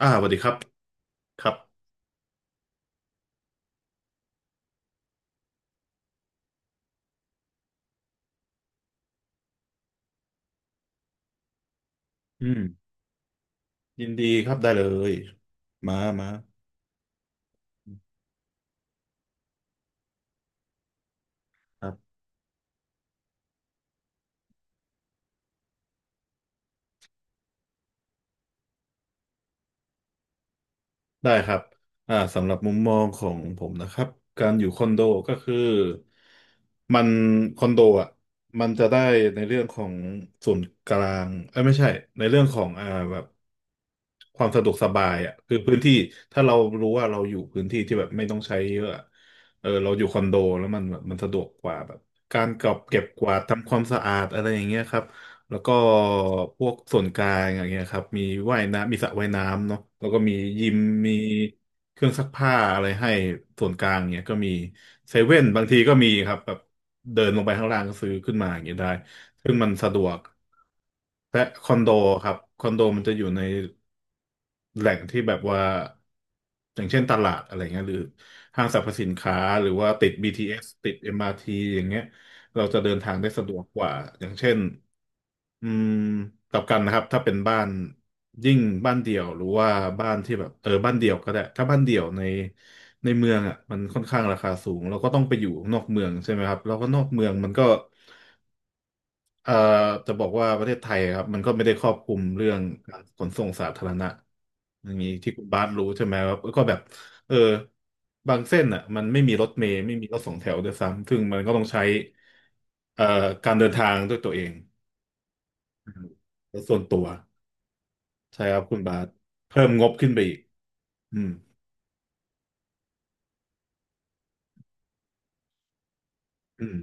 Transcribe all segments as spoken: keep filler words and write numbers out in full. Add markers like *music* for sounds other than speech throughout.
อ่าสวัสดีครับครับอืมยินดีครับได้เลยมามาครับได้ครับอ่าสำหรับมุมมองของผมนะครับการอยู่คอนโดก็คือมันคอนโดอ่ะมันจะได้ในเรื่องของส่วนกลางเอ้ยไม่ใช่ในเรื่องของอ่าแบบความสะดวกสบายอ่ะคือพื้นที่ถ้าเรารู้ว่าเราอยู่พื้นที่ที่แบบไม่ต้องใช้เยอะอะเออเราอยู่คอนโดแล้วมันแบบมันสะดวกกว่าแบบการเก็บเก็บกวาดทำความสะอาดอะไรอย่างเงี้ยครับ แล้วก็พวกส่วนกลางอย่างเงี้ยครับมีว่ายน้ำมีสระว่ายน้ำเนาะแล้วก็มียิมมีเครื่องซักผ้าอะไรให้ส่วนกลางเงี้ยก็มีเซเว่นบางทีก็มีครับแบบเดินลงไปข้างล่างก็ซื้อขึ้นมาอย่างเงี้ยได้ซึ่งมันสะดวกและคอนโดครับคอนโดมันจะอยู่ในแหล่งที่แบบว่าอย่างเช่นตลาดอะไรเงี้ยหรือห้างสรรพสินค้าหรือว่าติด บี ที เอส ติด m r ีอย่างเงี้ยเราจะเดินทางได้สะดวกกว่าอย่างเช่น อืมกลับกันนะครับถ้าเป็นบ้านยิ่งบ้านเดี่ยวหรือว่าบ้านที่แบบเออบ้านเดี่ยวก็ได้ถ้าบ้านเดี่ยวในในเมืองอ่ะมันค่อนข้างราคาสูงเราก็ต้องไปอยู่นอกเมืองใช่ไหมครับแล้วก็นอกเมืองมันก็เอ่อจะบอกว่าประเทศไทยครับมันก็ไม่ได้ครอบคลุมเรื่องการขนส่งสาธารณะอย่างนี้ที่คุณบาสรู้ใช่ไหมครับก็แบบเออบางเส้นอ่ะมันไม่มีรถเมล์ไม่มีรถสองแถวด้วยซ้ำซึ่งมันก็ต้องใช้เอ่อการเดินทางด้วยตัวเองรถส่วนตัว ใช่ครับคุณบาสเพิ่มงบขึ้นไปอีกอืมอืม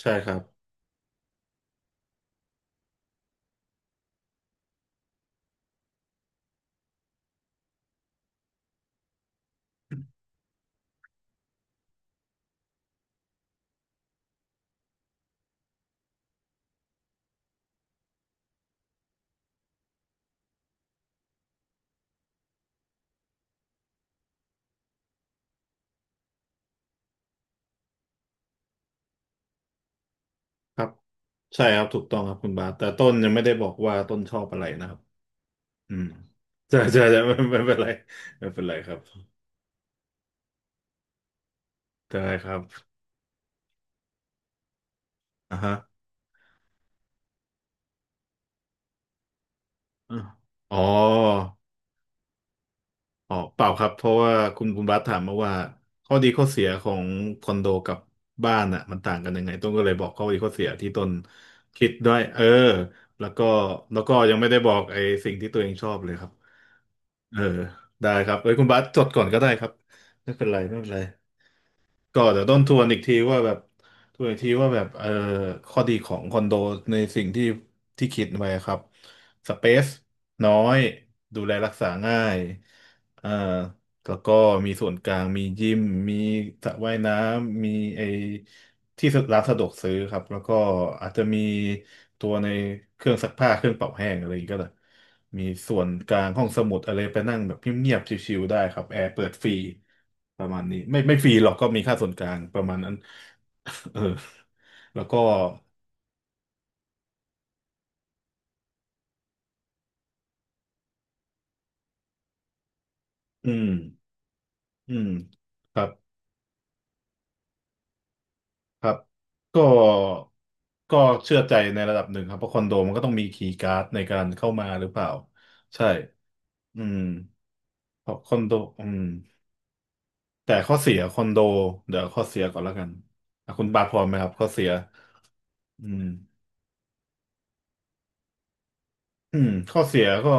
ใช่ครับครับใช่ครับถูกต้องครับคุณบาสแต่ต้นยังไม่ได้บอกว่าต้นชอบอะไรนะครับอืมใช่ใช่ใช่ไม่ไม่เป็นไรไม่เป็นไรครับได้ครับอ่าฮะอะอ๋ออ๋อเปล่าครับเพราะว่าคุณคุณบาสถามมาว่าข้อดีข้อเสียของคอนโดกับบ้านอ่ะมันต่างกันยังไงต้นก็เลยบอกข้อดีข้อเสียที่ต้นคิดด้วยเออแล้วก็แล้วก็ยังไม่ได้บอกไอ้สิ่งที่ตัวเองชอบเลยครับ เออได้ครับเอ้ยคุณบัสจดก่อนก็ได้ครับไม่เป็นไรไม่เป็นไรก็เดี๋ยวต้นทวนอีกทีว่าแบบทวนอีกทีว่าแบบเออข้อดีของคอนโดในสิ่งที่ที่คิดไว้ครับสเปซน้อยดูแลรักษาง่ายเอ่อแล้วก็มีส่วนกลางมียิมมีสระว่ายน้ำมีไอ ที่ร้านสะดวกซื้อครับแล้วก็อาจจะมีตัวในเครื่องซักผ้าเครื่องเป่าแห้งอะไรอย่างเงี้ยก็เลยมีส่วนกลางห้องสมุดอะไรไปนั่งแบบเงียบๆชิวๆได้ครับแอร์เปิดฟรีประมาณนี้ไม่ไม่ฟรีหรอกก็มีค่าส่วนกลางประมาณนั้น *laughs* เออแล้วก็อืมอืมครับครับก็ก็เชื่อใจในระดับหนึ่งครับเพราะคอนโดมันก็ต้องมีคีย์การ์ดในการเข้ามาหรือเปล่าใช่อืมเพราะคอนโดอืม แต่ข้อเสียคอนโดเดี๋ยวข้อเสียก่อนแล้วกันอ่ะคุณบาทพอไหมครับข้อเสียอืมอืมข้อเสียก็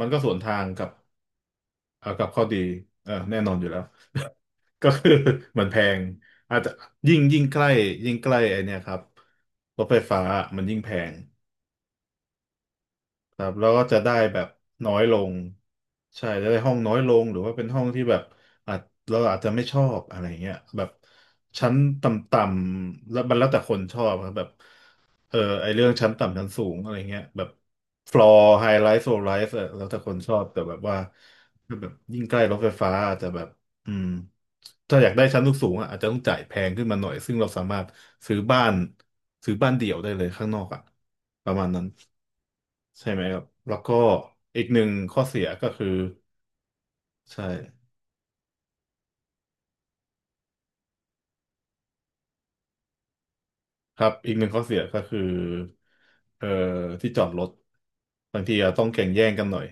มันก็สวนทางกับเอ่อกับข้อดีเออแน่นอนอยู่แล้ว *laughs* ก็คือมันแพงอาจจะยิ่งยิ่งใกล้ยิ่งใกล้ไอเนี่ยครับรถไฟฟ้ามันยิ่งแพง ครับแล้วก็จะได้แบบน้อยลงใช่จะได้ห้องน้อยลงหรือว่าเป็นห้องที่แบบอาจเราอาจจะไม่ชอบอะไรเงี้ยแบบชั้นต่ำๆแล้วมันแล้วแต่คนชอบครับแบบเออไอเรื่องชั้นต่ำชั้นสูงอะไรเงี้ยแบบฟลอร์ไฮไลท์โซลไลท์แล้วแต่คนชอบแต่แบบว่าถ้าแบบยิ่งใกล้รถไฟฟ้าอาจจะแบบอืมถ้าอยากได้ชั้นสูงๆอ่ะอาจจะต้องจ่ายแพงขึ้นมาหน่อยซึ่งเราสามารถซื้อบ้านซื้อบ้านเดี่ยวได้เลยข้างนอกอ่ะประมาณนั้น ใช่ไหมครับ แล้วก็อีกหนึ่งข้อเสียก็คือใช่ครับ อีกหนึ่งข้อเสียก็คือเอ่อที่จอดรถบางทีอาจต้องแข่งแย่งกันหน่อย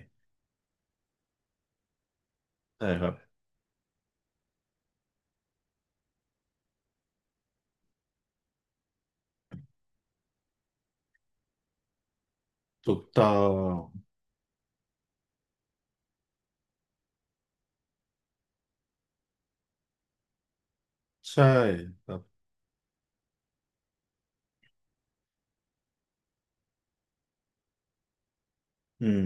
ใช่ครับถูกต้องใช่ครับอืม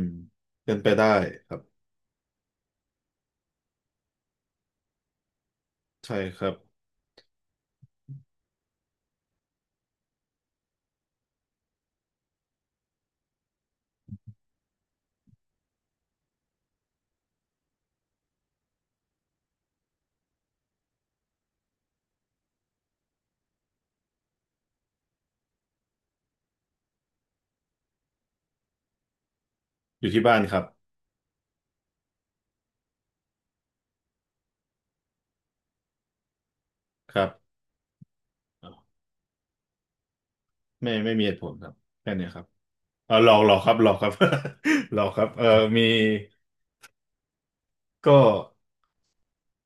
เป็นไปได้ครับใช่ครับอยู่ที่บ้านครับครับไม่ไม่มีเหตุผลครับแค่เนี้ยครับเออรอรอครับรอครับ *laughs* รอครับเออมีก็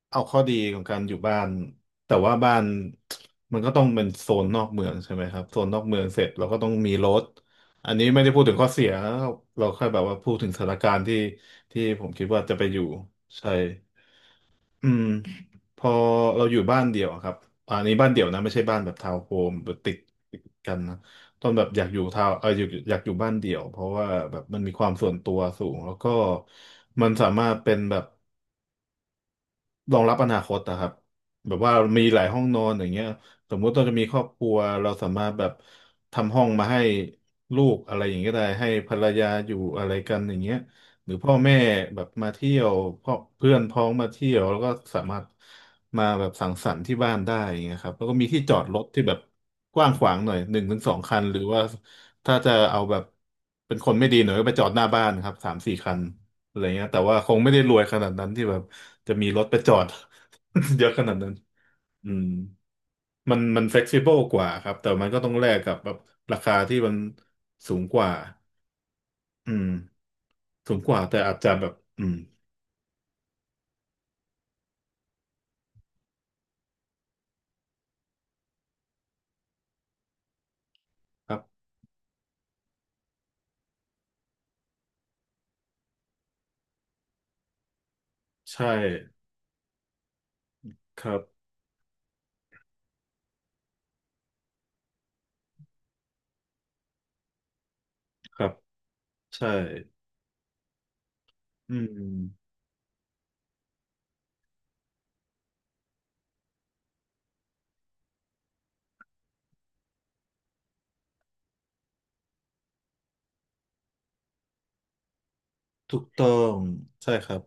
เอาข้อดีของการอยู่บ้านแต่ว่าบ้านมันก็ต้องเป็นโซนนอกเมืองใช่ไหมครับโซนนอกเมืองเสร็จเราก็ต้องมีรถอันนี้ไม่ได้พูดถึงข้อเสียเราแค่แบบว่าพูดถึงสถานการณ์ที่ที่ผมคิดว่าจะไปอยู่ใช่อืมพอเราอยู่บ้านเดี่ยวอะครับอะอันนี้บ้านเดี่ยวนะไม่ใช่บ้านแบบทาวน์โฮมแบบติดติดกันนะตอนแบบอยากอยู่ทาวน์เอออยากอยากอยู่บ้านเดี่ยวเพราะว่าแบบมันมีความส่วนตัวสูงแล้วก็มันสามารถเป็นแบบ รองรับอนาคตนะครับแบบว่ามีหลายห้องนอนอย่างเงี้ยสมมุติเราจะมีครอบครัวเราสามารถแบบทำห้องมาให้ลูกอะไรอย่างเงี้ยได้ให้ภรรยาอยู่อะไรกันอย่างเงี้ยหรือพ่อแม่แบบมาเที่ยวพ่อเพื่อนพ้องมาเที่ยวแล้วก็สามารถมาแบบสังสรรค์ที่บ้านได้อย่างเงี้ยครับแล้วก็มีที่จอดรถที่แบบกว้างขวางหน่อยหนึ่งถึงสองคันหรือว่าถ้าจะเอาแบบเป็นคนไม่ดีหน่อยก็ไปจอดหน้าบ้านครับสามสี่คัน อะไรเงี้ยแต่ว่าคงไม่ได้รวยขนาดนั้นที่แบบจะมีรถไปจอด *laughs* เยอะขนาดนั้นอืมมันมันเฟกซิเบิลกว่าครับแต่มันก็ต้องแลกกับแบบราคาที่มันสูงกว่าอืมสูงกว่าแต่อาจจะแบบอืมครับใช่ครับครับใช่อืมถูกต้องใช่ครับ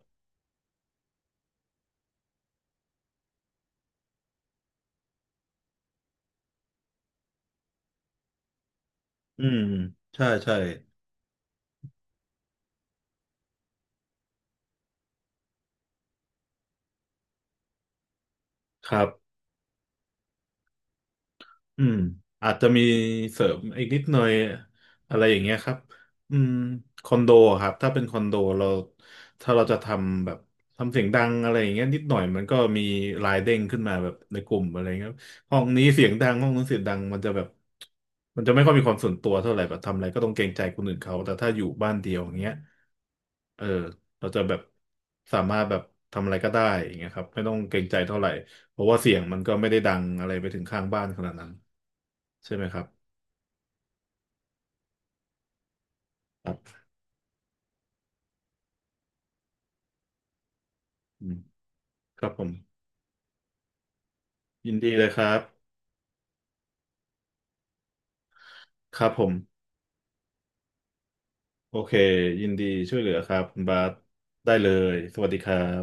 อืมใช่ใช่ครับ อืมอาจจะมีเสริมอีกนิดหน่อยอะไรอย่างเงี้ยครับอืมคอนโดอะครับถ้าเป็นคอนโดเราถ้าเราจะทำแบบทำเสียงดังอะไรอย่างเงี้ยนิดหน่อยมันก็มีลายเด้งขึ้นมาแบบในกลุ่มอะไรเงี้ยห้องนี้เสียงดังห้องนู้นเสียงดังมันจะแบบมันจะไม่ค่อยมีความส่วนตัวเท่าไหร่แบบทำอะไรก็ต้องเกรงใจคนอื่นเขาแต่ถ้าอยู่บ้านเดียวอย่างเงี้ยเออเราจะแบบสามารถแบบทำอะไรก็ได้อย่างเงี้ยครับไม่ต้องเกรงใจเท่าไหร่ เพราะว่าเสียงมันก็ไม่ได้ดังอะไรไปถึงข้างบ้านขนาดนั้นใช่ไหมครับครับอืมครับผมยินดีเลยครับครับผมโอเคยินดีช่วยเหลือครับคุณบาสได้เลยสวัสดีครับ